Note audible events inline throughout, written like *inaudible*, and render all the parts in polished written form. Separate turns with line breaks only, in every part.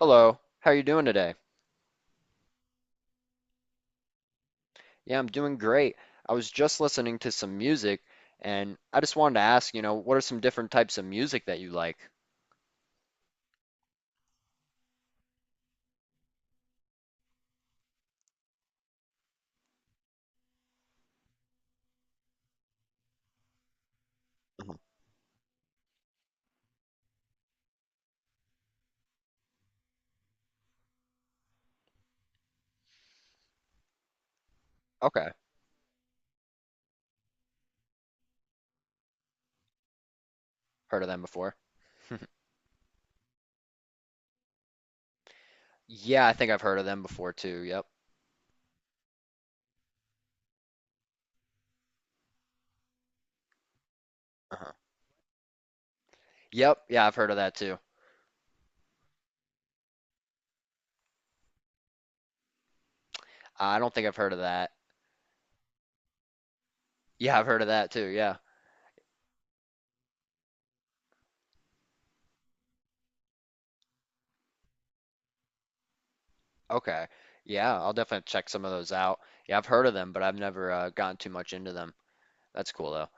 Hello, how are you doing today? Yeah, I'm doing great. I was just listening to some music and I just wanted to ask, you know, what are some different types of music that you like? Mhm. Okay, heard of them before. Yeah, I think I've heard of them before too. Yep. Uh-huh. Yep, yeah, I've heard of that too. I don't think I've heard of that. Yeah, I've heard of that too. Yeah. Okay. Yeah, I'll definitely check some of those out. Yeah, I've heard of them, but I've never gotten too much into them. That's cool though.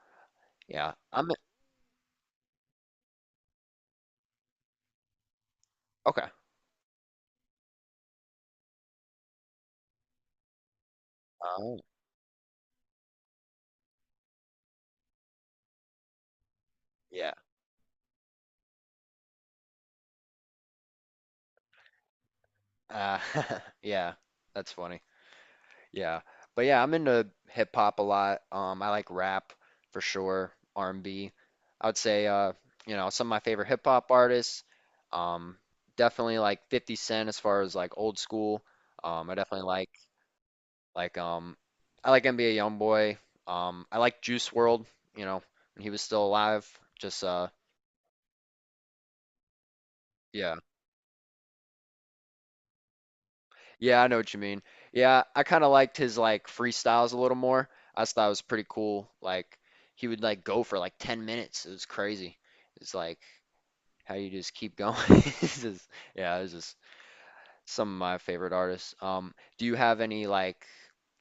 Yeah. I'm okay. Oh, yeah. Uh, *laughs* yeah, that's funny. Yeah. But yeah, I'm into hip hop a lot. I like rap for sure, R&B. I would say you know, some of my favorite hip hop artists. Um, Definitely like 50 Cent as far as like old school. I definitely like I like NBA Youngboy. I like Juice World, you know, when he was still alive. Just Yeah. Yeah, I know what you mean. Yeah, I kind of liked his like freestyles a little more. I just thought it was pretty cool. Like he would like go for like 10 minutes. It was crazy. It's like how you just keep going. *laughs* It's just- yeah, it's just some of my favorite artists. Do you have any like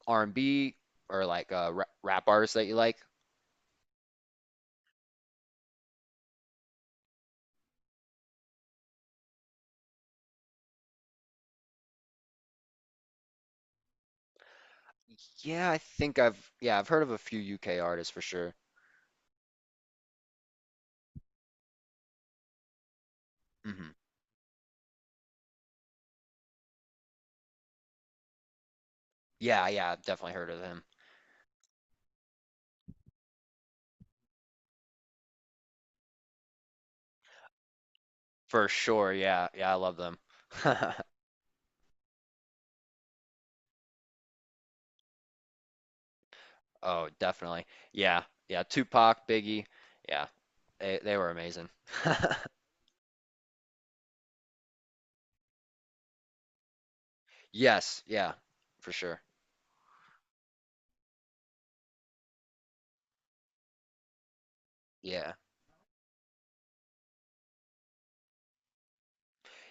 R&B or like ra rap artists that you like? Yeah, I think I've heard of a few UK artists for sure. Hmm. Yeah, yeah, I've definitely heard of them. For sure. Yeah. Yeah, I love them. *laughs* Oh, definitely. Yeah. Yeah. Tupac, Biggie. Yeah. They were amazing. *laughs* Yes. Yeah. For sure. Yeah.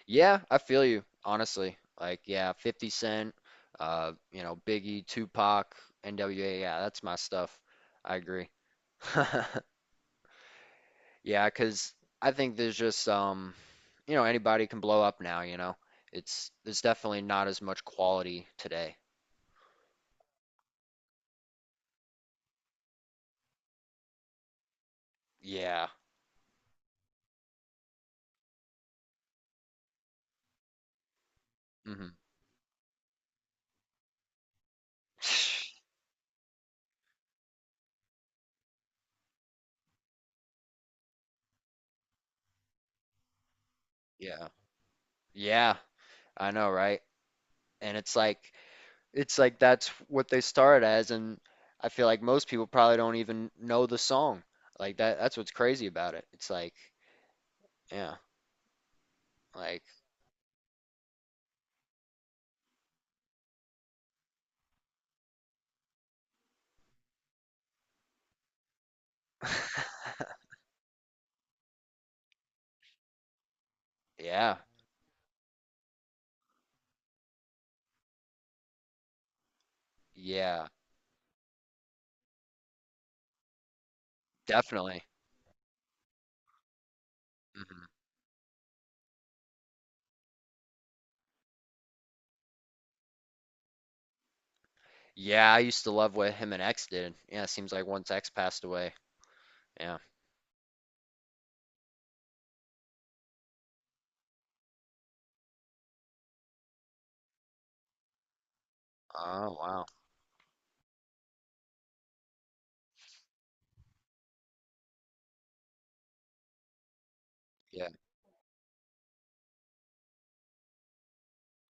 Yeah, I feel you, honestly. Like, yeah, 50 Cent, you know, Biggie, Tupac, NWA. Yeah, that's my stuff. I agree. *laughs* Yeah, 'cause I think there's just you know, anybody can blow up now, you know. It's there's definitely not as much quality today. Yeah. Hmm. *sighs* Yeah. Yeah, I know, right? And it's like that's what they started as, and I feel like most people probably don't even know the song. Like that's what's crazy about it. It's like, yeah, like *laughs* yeah, yeah, definitely. Hmm. Yeah, I used to love what him and X did. Yeah, it seems like once X passed away. Yeah. Oh, wow. Yeah.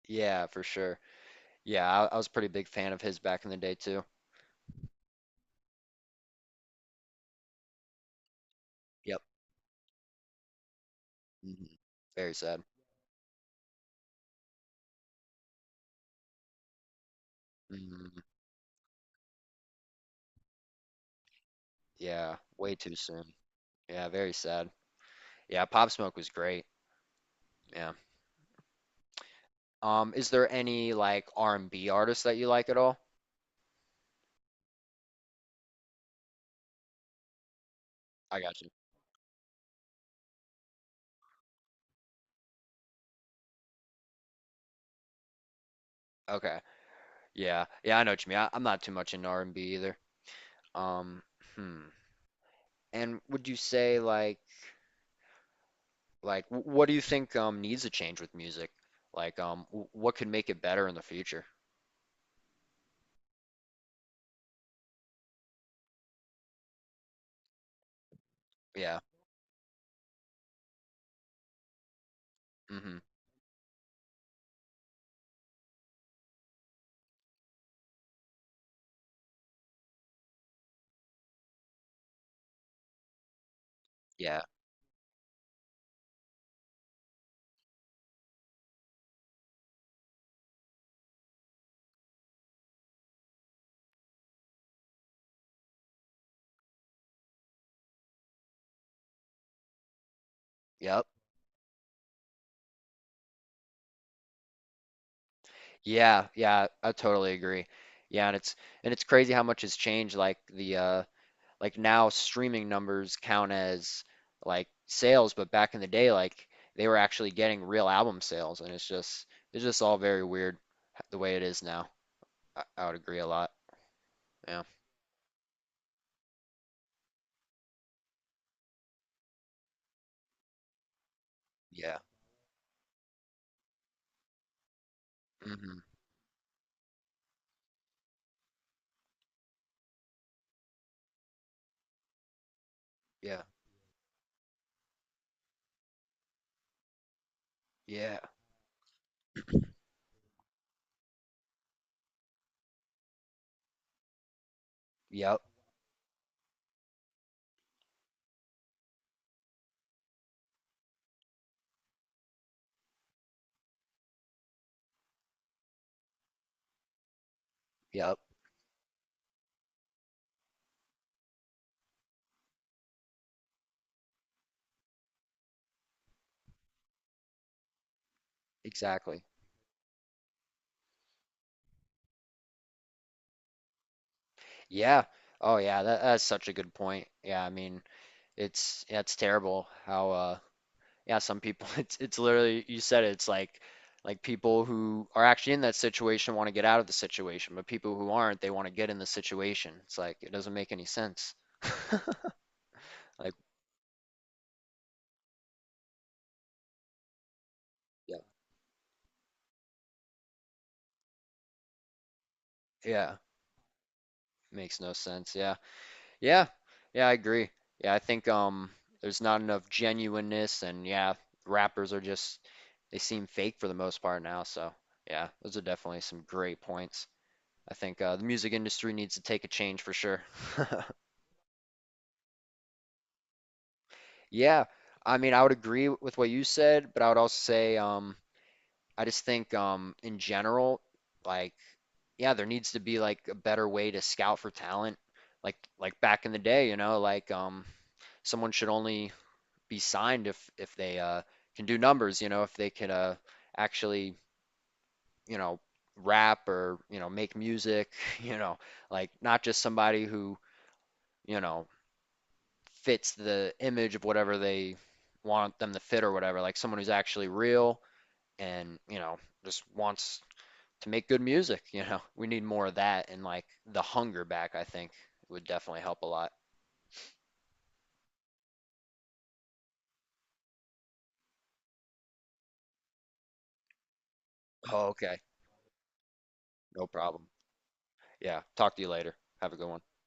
Yeah, for sure. Yeah, I was a pretty big fan of his back in the day too. Yep. Hmm. Very sad. Hmm. Yeah, way too soon. Yeah, very sad. Yeah, Pop Smoke was great. Yeah. Is there any like R&B artists that you like at all? I got you. Okay. Yeah. Yeah, I know what you mean. I'm not too much into R&B either. Um, hmm. And would you say like what do you think needs a change with music? Like what could make it better in the future? Yeah. Hmm. Yeah. Yep. Yeah. Yeah, I totally agree. Yeah, and it's crazy how much has changed like the like now streaming numbers count as like sales, but back in the day, like they were actually getting real album sales, and it's just all very weird the way it is now. I would agree a lot. Yeah. Yeah. Hmm. Yeah. Yeah. Yep. Yep. Exactly. Yeah. Oh yeah, that's such a good point. Yeah, I mean, it's that's terrible how yeah, some people *laughs* it's literally you said it, it's like people who are actually in that situation want to get out of the situation, but people who aren't, they want to get in the situation. It's like it doesn't make any sense. *laughs* Like yeah, yeah, makes no sense. Yeah. Yeah. Yeah, I agree. Yeah, I think there's not enough genuineness, and yeah, rappers are just they seem fake for the most part now, so yeah, those are definitely some great points. I think the music industry needs to take a change for sure. *laughs* Yeah, I mean, I would agree with what you said, but I would also say, I just think, in general, like, yeah, there needs to be like a better way to scout for talent, like back in the day, you know, like, someone should only be signed if they can do numbers, you know, if they can actually, you know, rap or you know make music, *laughs* you know, like not just somebody who you know fits the image of whatever they want them to fit or whatever, like someone who's actually real and you know just wants to make good music, you know, we need more of that, and like the hunger back I think would definitely help a lot. Oh, okay, no problem. Yeah, talk to you later, have a good one. Yep.